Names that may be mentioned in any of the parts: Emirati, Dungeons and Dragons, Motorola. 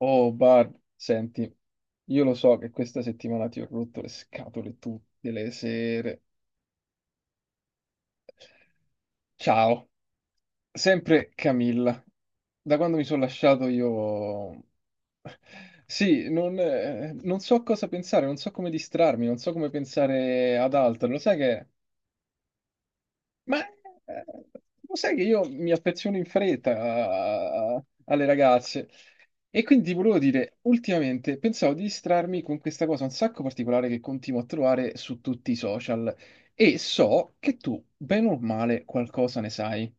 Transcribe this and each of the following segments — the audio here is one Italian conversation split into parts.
Oh, Barb, senti, io lo so che questa settimana ti ho rotto le scatole tutte le sere. Ciao, sempre Camilla. Da quando mi sono lasciato io... Sì, non so cosa pensare, non so come distrarmi, non so come pensare ad altro. Lo sai che è? Ma eh, Lo sai che io mi affeziono in fretta alle ragazze, e quindi volevo dire, ultimamente pensavo di distrarmi con questa cosa un sacco particolare che continuo a trovare su tutti i social, e so che tu, bene o male, qualcosa ne sai.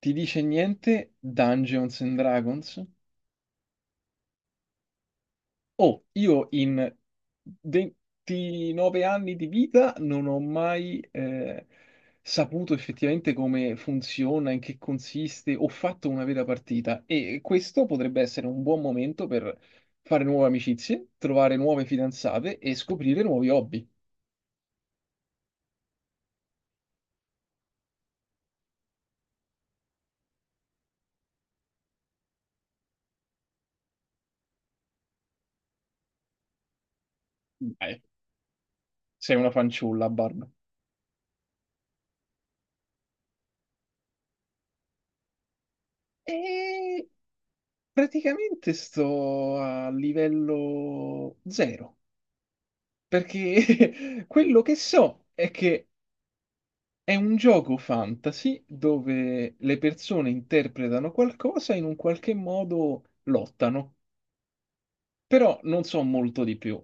Ti dice niente Dungeons and Dragons? Oh, io in 29 anni di vita non ho mai saputo effettivamente come funziona, in che consiste, ho fatto una vera partita, e questo potrebbe essere un buon momento per fare nuove amicizie, trovare nuove fidanzate e scoprire nuovi hobby. Dai, sei una fanciulla, Barb. E praticamente sto a livello zero, perché quello che so è che è un gioco fantasy dove le persone interpretano qualcosa e in un qualche modo lottano, però non so molto di più.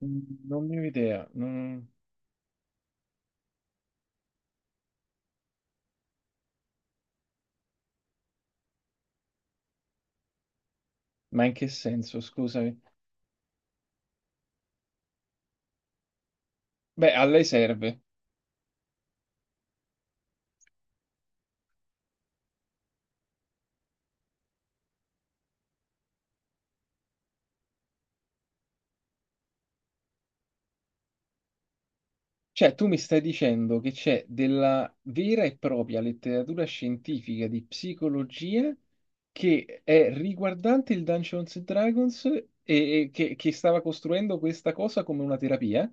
Mm, non ne ho idea. Mm, ma in che senso, scusami? Beh, a lei serve. Cioè, tu mi stai dicendo che c'è della vera e propria letteratura scientifica di psicologia che è riguardante il Dungeons and Dragons e che stava costruendo questa cosa come una terapia?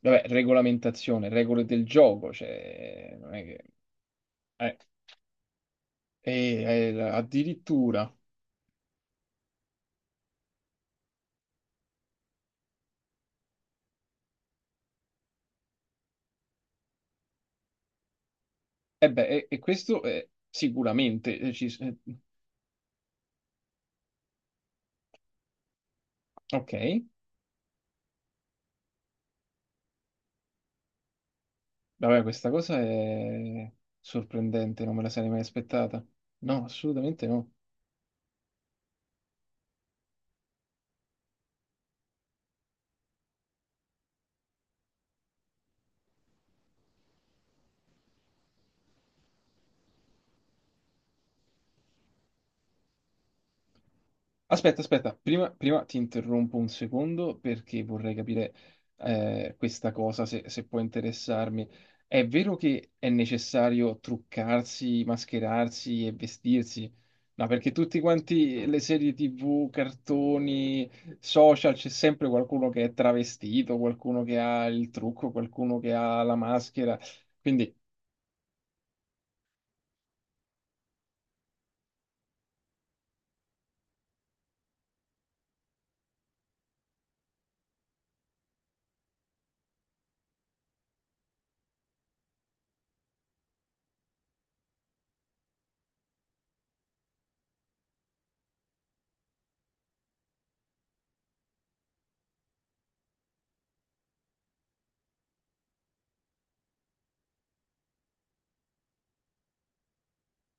Vabbè, regolamentazione, regole del gioco, cioè, non è che... eh, addirittura... E beh, questo è sicuramente... ok, vabbè, questa cosa è sorprendente, non me la sarei mai aspettata. No, assolutamente no. Aspetta, prima, ti interrompo un secondo perché vorrei capire questa cosa, se, se può interessarmi. È vero che è necessario truccarsi, mascherarsi e vestirsi? No, perché tutti quanti le serie TV, cartoni, social, c'è sempre qualcuno che è travestito, qualcuno che ha il trucco, qualcuno che ha la maschera. Quindi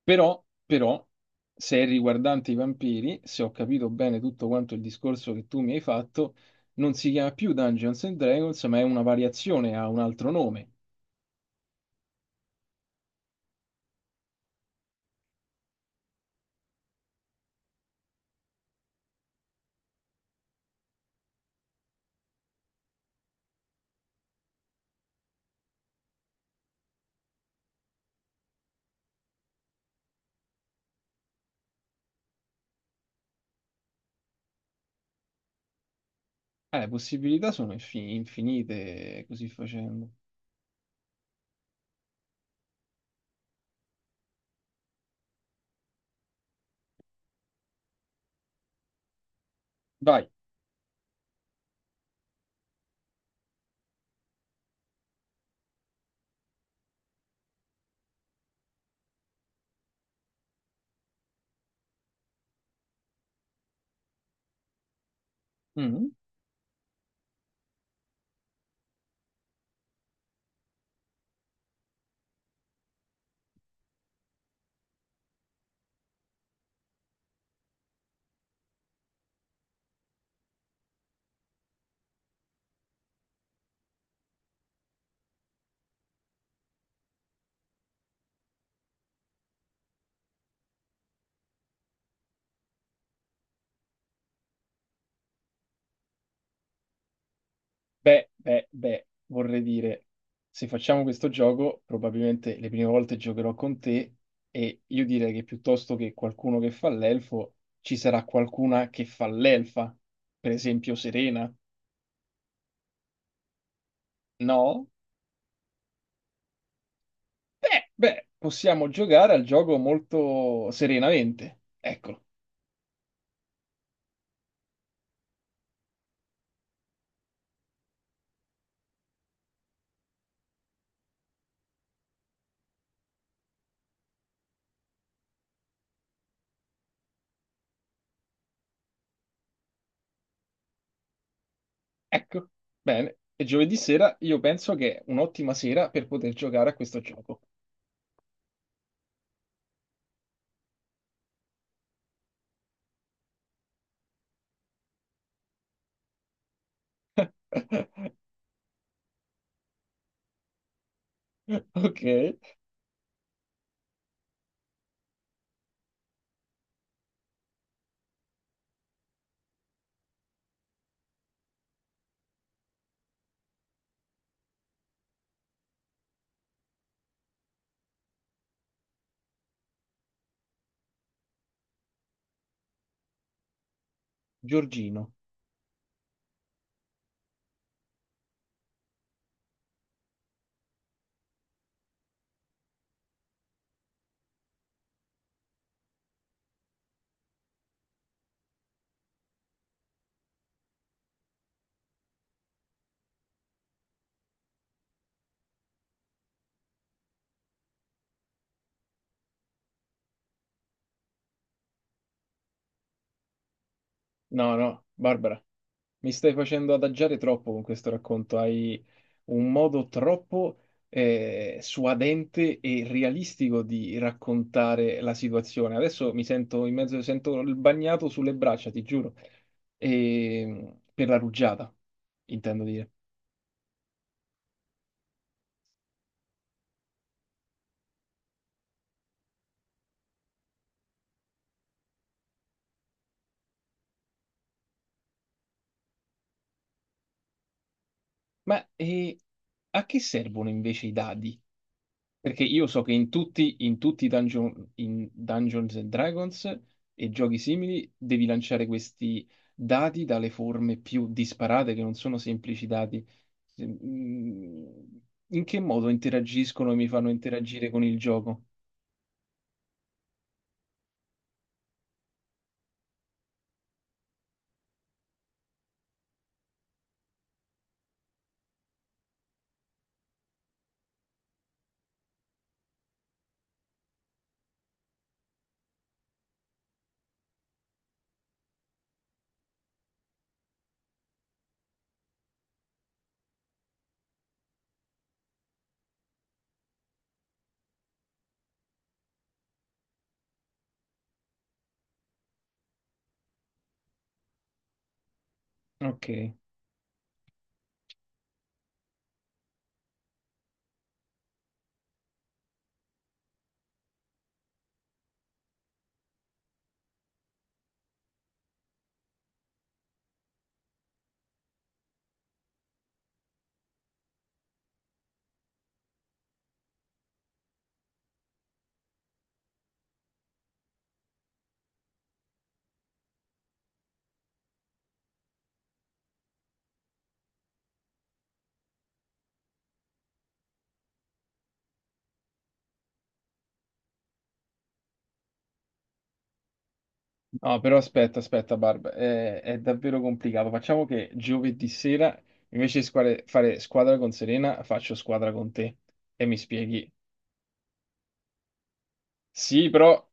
però, però, se è riguardante i vampiri, se ho capito bene tutto quanto il discorso che tu mi hai fatto, non si chiama più Dungeons and Dragons, ma è una variazione, ha un altro nome. Le possibilità sono infinite così facendo. Vai. Mm. Beh, vorrei dire, se facciamo questo gioco, probabilmente le prime volte giocherò con te e io direi che, piuttosto che qualcuno che fa l'elfo, ci sarà qualcuna che fa l'elfa, per esempio Serena. No? Beh, possiamo giocare al gioco molto serenamente. Eccolo, ecco. Bene. E giovedì sera io penso che è un'ottima sera per poter giocare a questo gioco. Ok. Giorgino. No, no, Barbara. Mi stai facendo adagiare troppo con questo racconto, hai un modo troppo suadente e realistico di raccontare la situazione. Adesso mi sento in mezzo, sento il bagnato sulle braccia, ti giuro, per la rugiada, intendo dire. Ma e A che servono invece i dadi? Perché io so che in tutti i dungeon, in Dungeons and Dragons e giochi simili devi lanciare questi dati dalle forme più disparate, che non sono semplici dati. Se- mm, In che modo interagiscono e mi fanno interagire con il gioco? Ok. No, però aspetta, Barb, è davvero complicato. Facciamo che giovedì sera, invece di fare squadra con Serena, faccio squadra con te e mi spieghi. Sì, però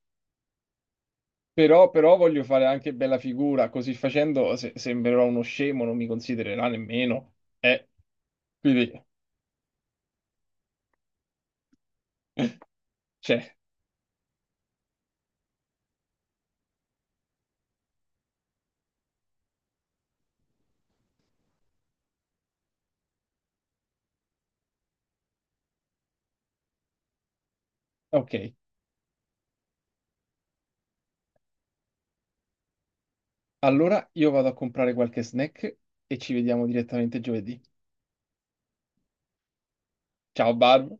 però, però voglio fare anche bella figura, così facendo sembrerò uno scemo, non mi considererà nemmeno. Eh, quindi, cioè, ok. Allora io vado a comprare qualche snack e ci vediamo direttamente giovedì. Ciao Barb.